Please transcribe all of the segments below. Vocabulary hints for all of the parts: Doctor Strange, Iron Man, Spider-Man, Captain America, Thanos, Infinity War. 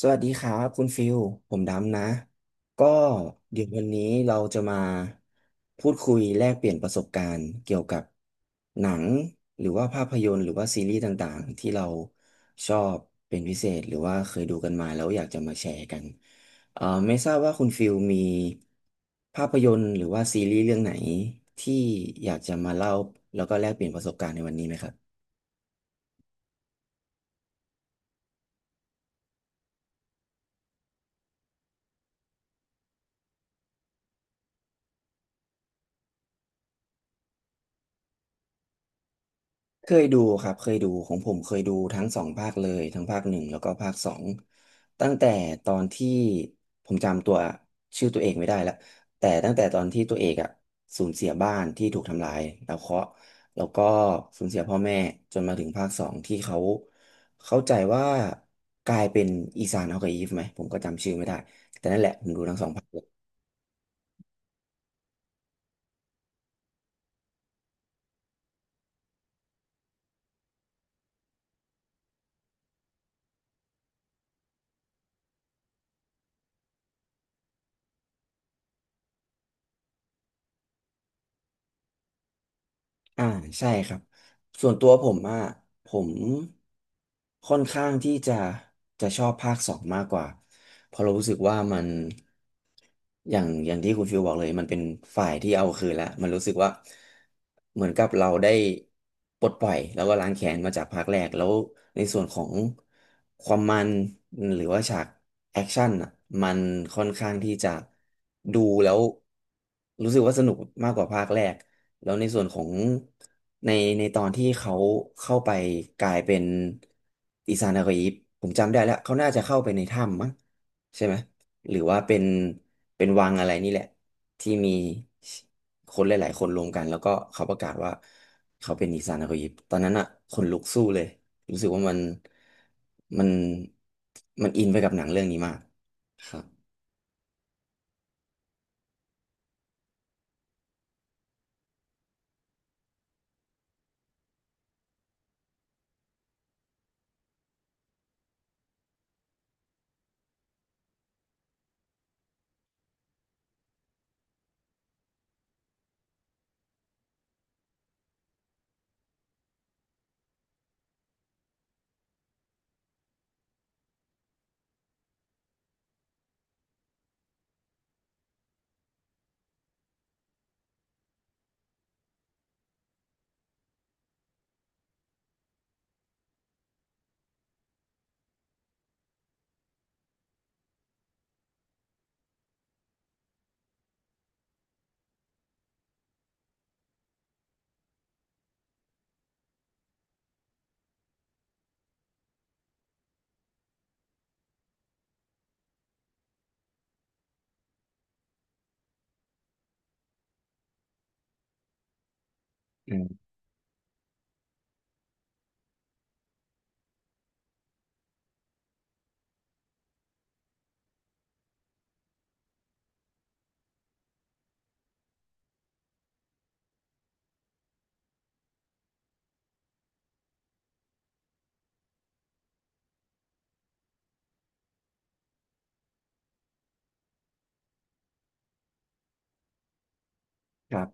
สวัสดีครับคุณฟิลผมดำนะก็เดี๋ยววันนี้เราจะมาพูดคุยแลกเปลี่ยนประสบการณ์เกี่ยวกับหนังหรือว่าภาพยนตร์หรือว่าซีรีส์ต่างๆที่เราชอบเป็นพิเศษหรือว่าเคยดูกันมาแล้วอยากจะมาแชร์กันเอ่อไม่ทราบว่าคุณฟิลมีภาพยนตร์หรือว่าซีรีส์เรื่องไหนที่อยากจะมาเล่าแล้วก็แลกเปลี่ยนประสบการณ์ในวันนี้ไหมครับ เคยดูครับเคยดูของผมเคยดูทั้งสองภาคเลยทั้งภาคหนึ่งแล้วก็ภาคสองตั้งแต่ตอนที่ผมจำตัวชื่อตัวเองไม่ได้ละแต่ตั้งแต่ตอนที่ตัวเอกอ่ะสูญเสียบ้านที่ถูกทำลายแล้วเคราะห์แล้วก็สูญเสียพ่อแม่จนมาถึงภาคสองที่เขาเข้าใจว่ากลายเป็นอีซานฮอกกับอีฟไหมผมก็จำชื่อไม่ได้แต่นั่นแหละผมดูทั้งสองภาค อ่าใช่ครับส่วนตัวผมอ่ะผมค่อนข้างที่จะชอบภาคสองมากกว่าเพราะเรารู้สึกว่ามันอย่างที่คุณฟิลบอกเลยมันเป็นฝ่ายที่เอาคืนแล้วมันรู้สึกว่าเหมือนกับเราได้ปลดปล่อยแล้วก็ล้างแค้นมาจากภาคแรกแล้วในส่วนของความมันหรือว่าฉากแอคชั่นอ่ะมันค่อนข้างที่จะดูแล้วรู้สึกว่าสนุกมากกว่าภาคแรก แล้วในส่วนของในในตอนที่เขาเข้าไปกลายเป็นอิซานากิผมจำได้แล้วเขาน่าจะเข้าไปในถ้ำมั้งใช่ไหมหรือว่าเป็นวังอะไรนี่แหละที่มีคนหลายๆคนรวมกันแล้วก็เขาประกาศว่าเขาเป็นอิซานากิตอนนั้นอะคนลุกสู้เลยรู้สึกว่ามันมันมันอินไปกับหนังเรื่องนี้มากครับ ครับ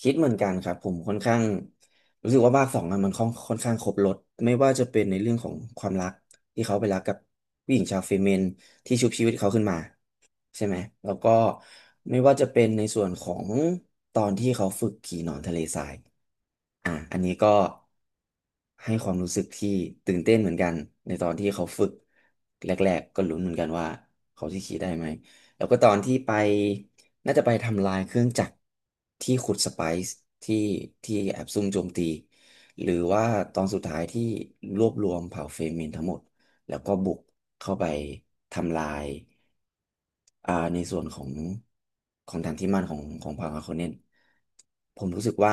คิดเหมือนกันครับผมค่อนข้างรู้สึกว่าภาคสองอะมันค่อนข้างครบรสไม่ว่าจะเป็นในเรื่องของความรักที่เขาไปรักกับผู้หญิงชาวเฟเมนที่ชุบชีวิตเขาขึ้นมาใช่ไหมแล้วก็ไม่ว่าจะเป็นในส่วนของตอนที่เขาฝึกขี่หนอนทะเลทรายอ่ะอันนี้ก็ให้ความรู้สึกที่ตื่นเต้นเหมือนกันในตอนที่เขาฝึกแรกๆก็ลุ้นเหมือนกันว่าเขาจะขี่ได้ไหมแล้วก็ตอนที่ไป น่าจะไปทำลายเครื่องจักรที่ขุดสไปซ์ที่แอบซุ่มโจมตีหรือว่าตอนสุดท้ายที่รวบรวมเผ่าเฟมินทั้งหมดแล้วก็บุกเข้าไปทำลาย อ่าในส่วนของแานที่มั่นของพาราโคเนนผมรู้สึกว่า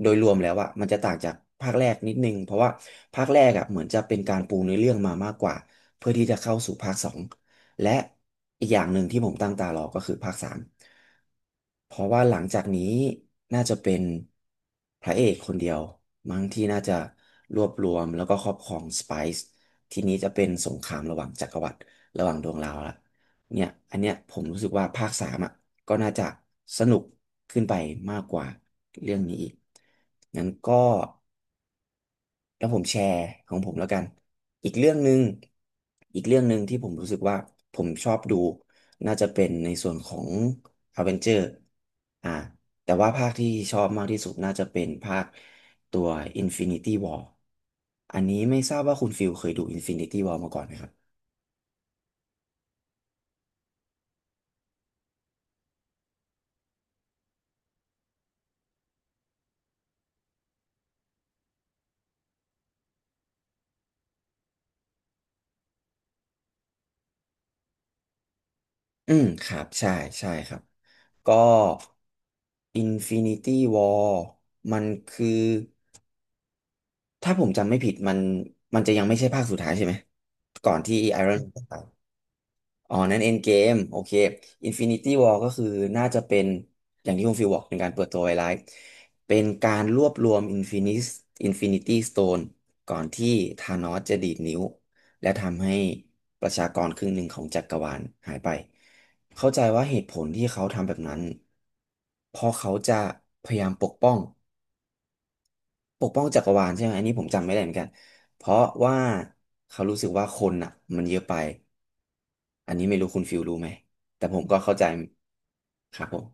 โดยรวมแล้วอะมันจะต่างจากภาคแรกนิดนึงเพราะว่าภาคแรกอะเหมือนจะเป็นการปูเนื้อเรื่องมามากกว่าเพื่อที่จะเข้าสู่ภาคสองและอีกอย่างหนึ่งที่ผมตั้งตารอก็คือภาคสามเพราะว่าหลังจากนี้น่าจะเป็นพระเอกคนเดียวมั้งที่น่าจะรวบรวมแล้วก็ครอบครองสไปซ์ทีนี้จะเป็นสงครามระหว่างจักรวรรดิระหว่างดวงดาวละ เนี่ยอันเนี้ยผมรู้สึกว่าภาคสามอ่ะก็น่าจะสนุกขึ้นไปมากกว่าเรื่องนี้อีกงั้นก็แล้วผมแชร์ของผมแล้วกัน อีกเรื่องหนึ่งอีกเรื่องหนึ่งที่ผมรู้สึกว่าผมชอบดูน่าจะเป็นในส่วนของอเวนเจอร์อ่าแต่ว่าภาคที่ชอบมากที่สุดน่าจะเป็นภาคตัว Infinity War อันนี้ไม่ทราบว่าคุณฟิลเคยดู Infinity War มาก่อนไหมครับ อืมครับใช่ใช่ครับก็ Infinity War มันคือถ้าผมจำไม่ผิดมันจะยังไม่ใช่ภาคสุดท้ายใช่ไหมก่อนที่ Iron Man จะตาย อ๋อนั่นเอ็นเกมโอเคอินฟินิตี้วอลก็คือน่าจะเป็นอย่างที่คุณฟิวบอกในการเปิดตัวไวไลท์เป็นการรวบรวมอินฟินิตี้สโตนก่อนที่ธานอสจะดีดนิ้วและทำให้ประชากรครึ่งหนึ่งของจักรวาลหายไป เข้าใจว่าเหตุผลที่เขาทำแบบนั้นเพราะเขาจะพยายามปกป้องจักรวาลใช่ไหมอันนี้ผมจำไม่ได้เหมือนกันเพราะว่าเขารู้สึกว่าคนอ่ะมันเยอะไป อันนี้ไม่รู้คุณฟิลรู้ไหม แต่ผมก็เข้าใจครับผม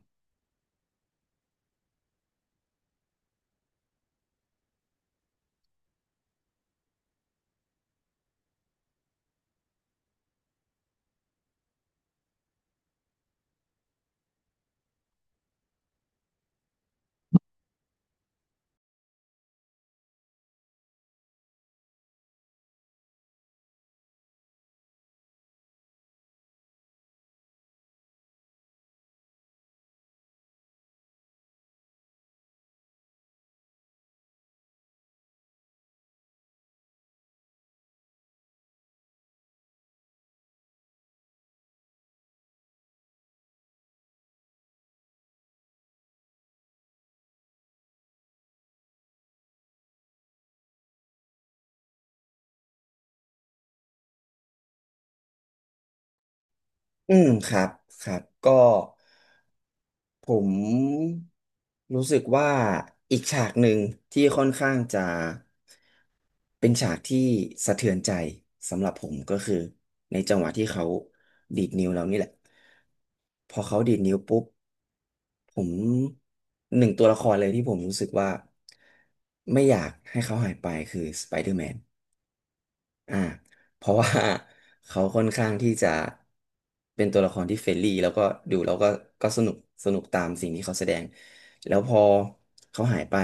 อืมครับครับก็ผมรู้สึกว่าอีกฉากหนึ่งที่ค่อนข้างจะเป็นฉากที่สะเทือนใจสำหรับผมก็คือในจังหวะที่เขาดีดนิ้วแล้วนี่แหละพอเขาดีดนิ้วปุ๊บผมหนึ่งตัวละครเลยที่ผมรู้สึกว่าไม่อยากให้เขาหายไปคือสไปเดอร์แมน อ่าเพราะว่า เขาค่อนข้างที่จะเป็นตัวละครที่เฟรนลี่แล้วก็ดูแล้วก็ก็สนุกสนุกตามสิ่งที่เขาแสดงแล้วพอเขาหายไป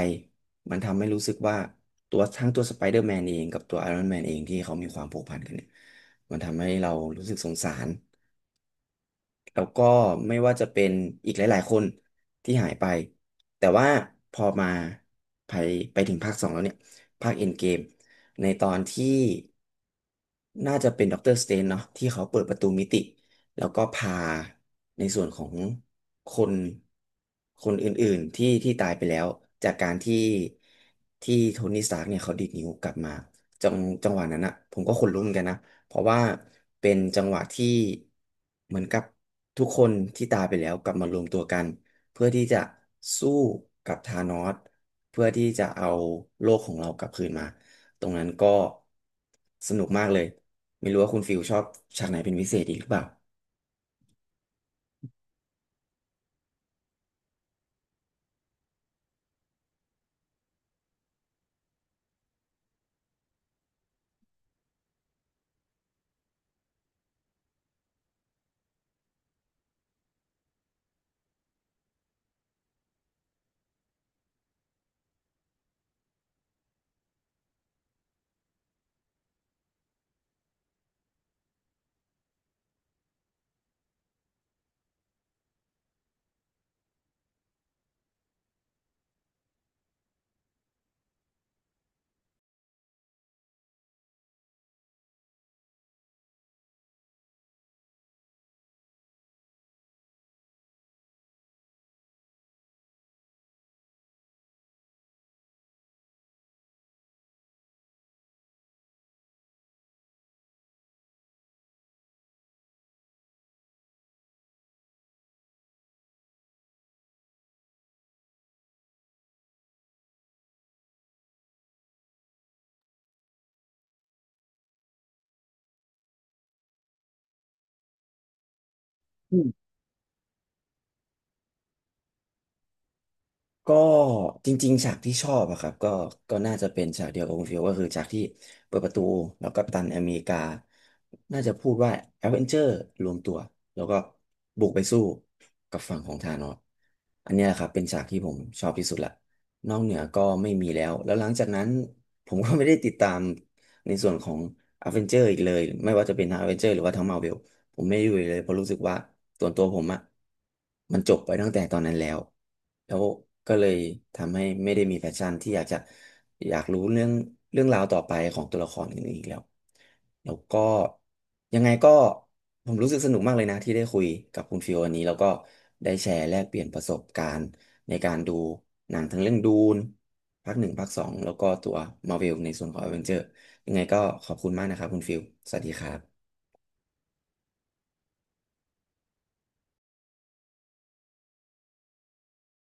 มันทำให้รู้สึกว่าตัวทั้งตัวสไปเดอร์แมนเองกับตัวไอรอนแมนเองที่เขามีความผูกพันกันเนี่ยมันทำให้เรารู้สึกสงสาร แล้วก็ไม่ว่าจะเป็นอีกหลายๆคนที่หายไปแต่ว่าพอมาไปไปถึงภาคสองแล้วเนี่ยภาคเอ็นเกมในตอนที่น่าจะเป็นด็อกเตอร์สเตนเนาะที่เขาเปิดประตูมิติแล้วก็พาในส่วนของคนคนอื่นๆ ที่ตายไปแล้วจากการที่โทนี่สตาร์กเนี่ยเขาดีดนิ้วกลับมาจังจังหวะนั้นอะผมก็ขนลุกเหมือนกันนะ เพราะว่าเป็นจังหวะที่เหมือนกับทุกคนที่ตายไปแล้วกลับมารวมตัวกันเพื่อที่จะสู้กับธานอสเพื่อที่จะเอาโลกของเรากลับคืนมาตรงนั้นก็สนุกมากเลยไม่รู้ว่าคุณฟิลชอบฉากไหนเป็นพิเศษอีกหรือเปล่า ก็จริงๆฉากที่ชอบอะครับก็ก็น่าจะเป็นฉากเดียวกับคุณฟิลก็คือฉากที่เปิดประตูแล้วกัปตันอเมริกา น่าจะพูดว่าแอดเวนเจอร์รวมตัวแล้วก็บุกไปสู้กับฝั่งของธานอสอันเนี้ยครับเป็นฉากที่ผมชอบที่สุดละนอกเหนือก็ไม่มีแล้วแล้วหลังจากนั้นผมก็ไม่ได้ติดตามในส่วนของอเวนเจอร์อีกเลยไม่ว่าจะเป็นทั้งอเวนเจอร์หรือว่าทั้งมาเวล ผมไม่อยู่เลยเพราะรู้สึกว่าส่วนตัวผมอะมันจบไปตั้งแต่ตอนนั้นแล้วแล้วก็เลยทำให้ไม่ได้มีแพชชั่นที่อยากจะอยากรู้เรื่องราวต่อไปของตัวละครอื่นๆอีกแล้วแล้วก็ยังไงก็ผมรู้สึกสนุกมากเลยนะที่ได้คุยกับคุณฟิววันนี้แล้วก็ได้แชร์แลกเปลี่ยนประสบการณ์ในการดูหนังทั้งเรื่องดูนภาคหนึ่งภาคสองแล้วก็ตัวมา r v เวลในส่วนของ a อเวนเจอร์ยังไงก็ขอบคุณมากนะครับคุณฟิลสวัสดีครับ